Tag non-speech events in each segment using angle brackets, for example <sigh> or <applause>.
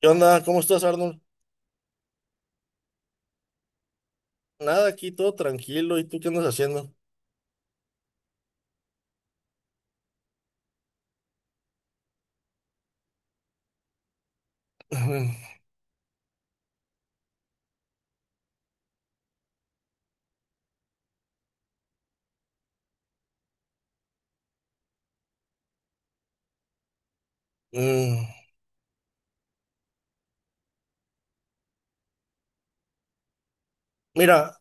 ¿Qué onda? ¿Cómo estás, Arnold? Nada, aquí todo tranquilo. ¿Y tú qué andas haciendo? <clears throat> <laughs> Mm, mira,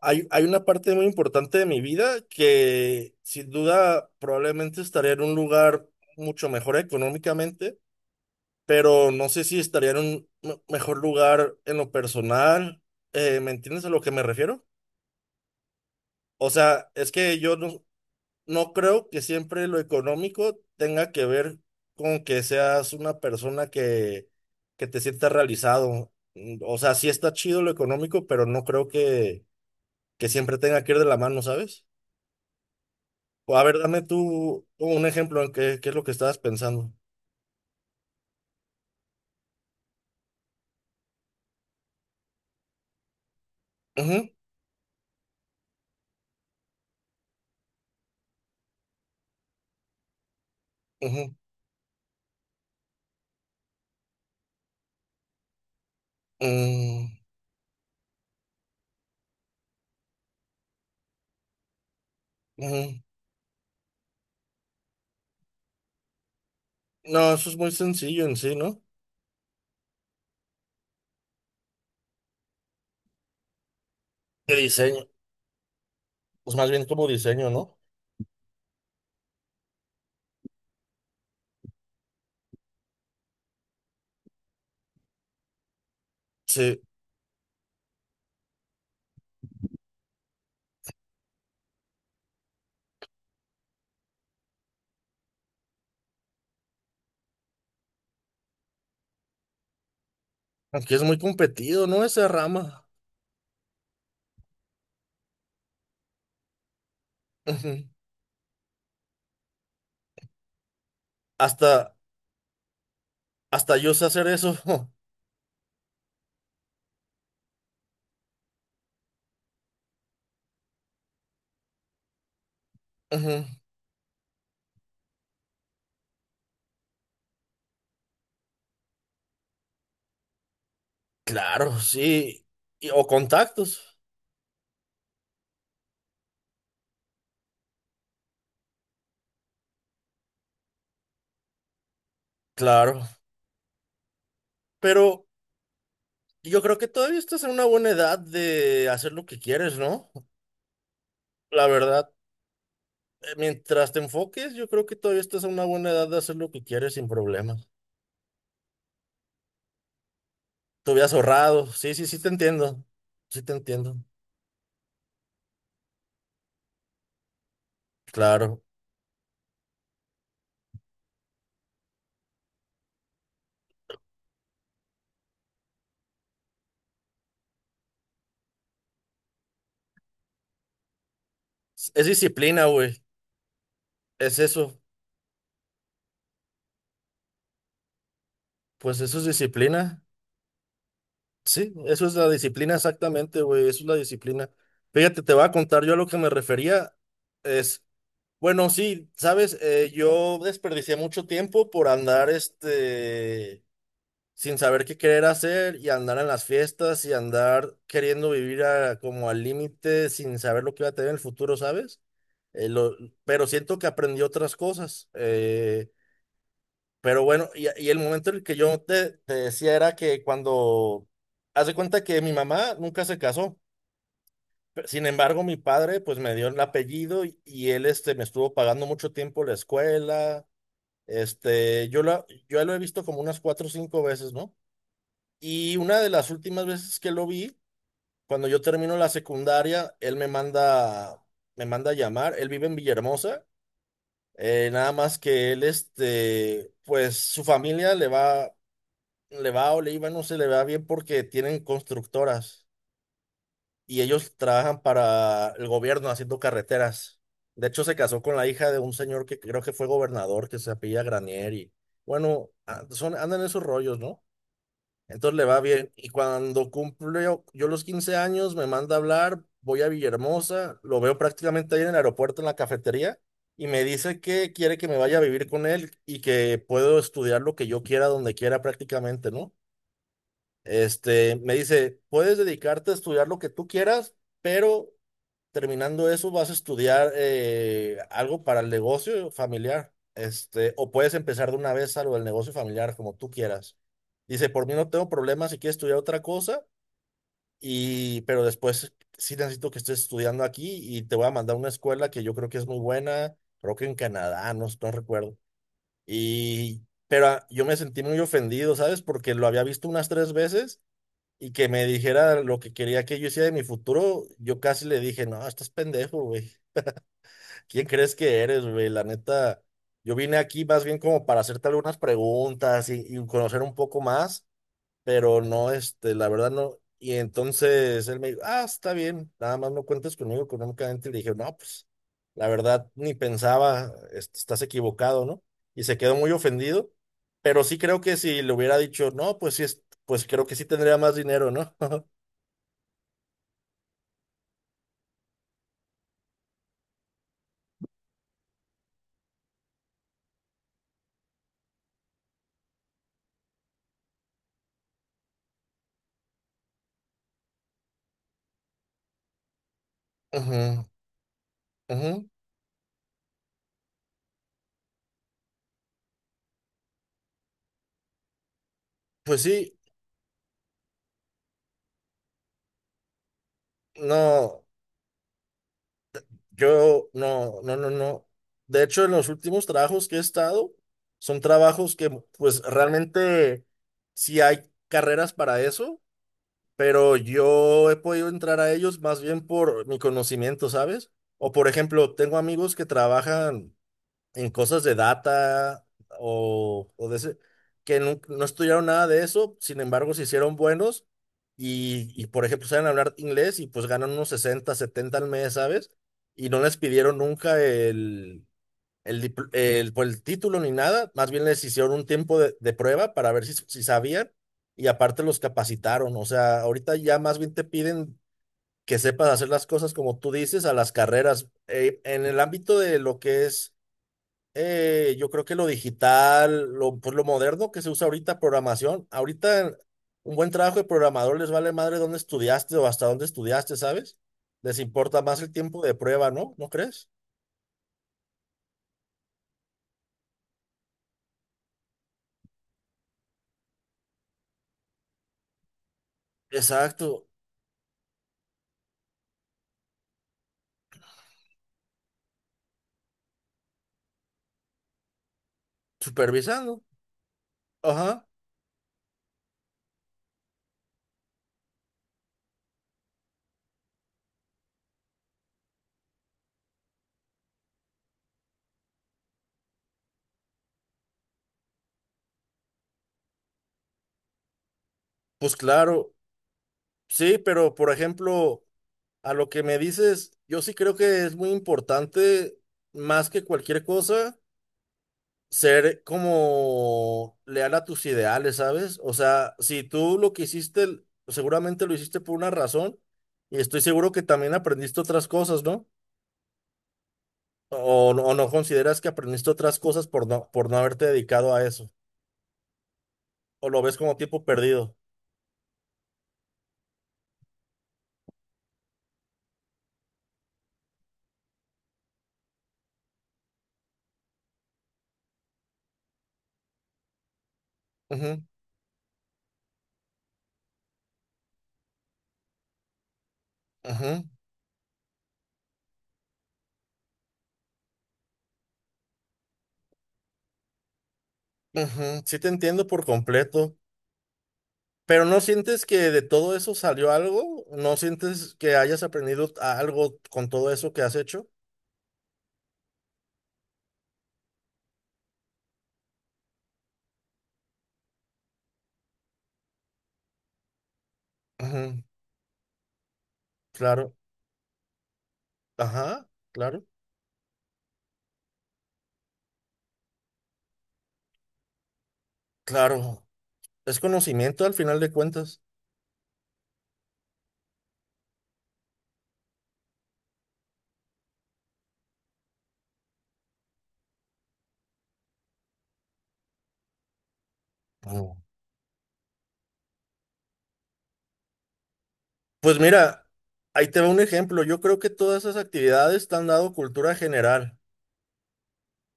hay una parte muy importante de mi vida que sin duda probablemente estaría en un lugar mucho mejor económicamente, pero no sé si estaría en un mejor lugar en lo personal. ¿Me entiendes a lo que me refiero? O sea, es que yo no, no creo que siempre lo económico tenga que ver con que seas una persona que te sienta realizado. Mm, o sea, sí está chido lo económico, pero no creo que siempre tenga que ir de la mano, ¿sabes? O a ver, dame tú un ejemplo en qué es lo que estabas pensando. Ujú, ujú, mm, ujú. No, eso es muy sencillo en sí, ¿no? De diseño, pues más bien como diseño, ¿no? Sí, aunque es muy competido, ¿no? Esa rama. Ujú. Hasta, Hasta yo sé hacer eso. <laughs> Ujú. Claro, sí. Y- o contactos. Claro. Pero yo creo que todavía estás en una buena edad de hacer lo que quieres, ¿no? La verdad, mientras te enfoques, yo creo que todavía estás en una buena edad de hacer lo que quieres sin problemas. Te hubieras ahorrado. Sí, sí, sí te entiendo. Sí te entiendo. Claro. Es disciplina, güey. Es eso. Pues eso es disciplina. Sí, eso es la disciplina exactamente, güey, eso es la disciplina. Fíjate, te voy a contar, yo a lo que me refería es, bueno, sí, sabes, yo desperdicié mucho tiempo por andar, sin saber qué querer hacer y andar en las fiestas y andar queriendo vivir como al límite sin saber lo que iba a tener en el futuro, ¿sabes? Eh, lo- pero siento que aprendí otras cosas. Pero bueno, y el momento en el que te decía era que cuando hace cuenta que mi mamá nunca se casó. Sin embargo, mi padre pues me dio el apellido y él me estuvo pagando mucho tiempo la escuela. Yo lo he visto como unas 4 o 5 veces, ¿no? Y una de las últimas veces que lo vi, cuando yo termino la secundaria, él me manda a llamar. Él vive en Villahermosa. Nada más que él, pues su familia le va. Le va o le iba, no, se le va bien porque tienen constructoras y ellos trabajan para el gobierno haciendo carreteras. De hecho, se casó con la hija de un señor que creo que fue gobernador, que se apellida Granier y bueno, son, andan en esos rollos, ¿no? Entonces le va bien. Y cuando cumple yo los 15 años, me manda a hablar, voy a Villahermosa, lo veo prácticamente ahí en el aeropuerto, en la cafetería, y me dice que quiere que me vaya a vivir con él y que puedo estudiar lo que yo quiera, donde quiera prácticamente, ¿no? Me dice, puedes dedicarte a estudiar lo que tú quieras, pero terminando eso vas a estudiar algo para el negocio familiar. O puedes empezar de una vez algo del negocio familiar, como tú quieras. Dice, por mí no tengo problema si quieres estudiar otra cosa, pero después sí necesito que estés estudiando aquí y te voy a mandar a una escuela que yo creo que es muy buena, creo que en Canadá, no recuerdo. Y, pero ah, yo me sentí muy ofendido, ¿sabes? Porque lo había visto unas 3 veces y que me dijera lo que quería que yo hiciera de mi futuro, yo casi le dije, no, estás pendejo, güey. ¿Quién crees que eres, güey? La neta, yo vine aquí más bien como para hacerte algunas preguntas y conocer un poco más, pero no, la verdad no. Y entonces él me dijo, ah, está bien, nada más no cuentes conmigo económicamente. Y le dije, no, pues, la verdad ni pensaba, estás equivocado, ¿no? Y se quedó muy ofendido, pero sí creo que si le hubiera dicho, no, pues sí, pues creo que sí tendría más dinero, ¿no? <laughs> Ajá, ajá. Pues sí, no, yo no, no, no, no. De hecho, en los últimos trabajos que he estado, son trabajos pues realmente sí hay carreras para eso, pero yo he podido entrar a ellos más bien por mi conocimiento, ¿sabes? O por ejemplo, tengo amigos que trabajan en cosas de data o de ese, que estudiaron nada de eso, sin embargo se hicieron buenos por ejemplo saben hablar inglés y pues ganan unos 60 70 al mes, ¿sabes? Y no les pidieron nunca el, pues, el título ni nada, más bien les hicieron un tiempo de prueba para ver si, si sabían y aparte los capacitaron, o sea, ahorita ya más bien te piden... que sepas hacer las cosas como tú dices a las carreras. En el ámbito de lo que es yo creo que lo digital, pues lo moderno que se usa ahorita, programación, ahorita un buen trabajo de programador les vale madre dónde estudiaste o hasta dónde estudiaste, ¿sabes? Les importa más el tiempo de prueba, ¿no? ¿No crees? Exacto, supervisando. Ajá, pues claro, sí, pero por ejemplo, a lo que me dices, yo sí creo que es muy importante, más que cualquier cosa. Ser como leal a tus ideales, ¿sabes? O sea, si tú lo que hiciste, seguramente lo hiciste por una razón y estoy seguro que también aprendiste otras cosas, ¿no? O no consideras que aprendiste otras cosas por por no haberte dedicado a eso, o lo ves como tiempo perdido. Ujú, ujú, ujú. Sí te entiendo por completo, pero ¿no sientes que de todo eso salió algo? ¿No sientes que hayas aprendido algo con todo eso que has hecho? Ujú, claro, ajá, claro. Claro, es conocimiento al final de cuentas. Mm. Pues mira, ahí te va un ejemplo. Yo creo que todas esas actividades te han dado cultura general.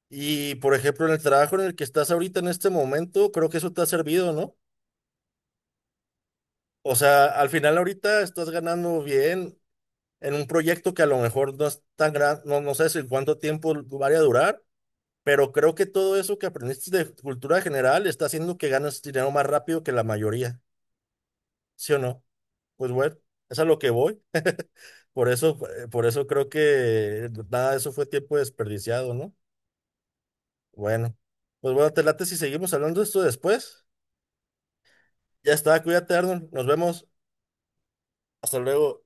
Y por ejemplo, en el trabajo en el que estás ahorita en este momento, creo que eso te ha servido, ¿no? O sea, al final ahorita estás ganando bien en un proyecto que a lo mejor no es tan grande, no sé si cuánto tiempo vaya a durar, pero creo que todo eso que aprendiste de cultura general está haciendo que ganes dinero más rápido que la mayoría, ¿sí o no? Pues bueno, es a lo que voy. Por eso creo que nada de eso fue tiempo desperdiciado, ¿no? Bueno, pues bueno, te late si seguimos hablando de esto después. Ya está, cuídate, Arnold. Nos vemos. Hasta luego.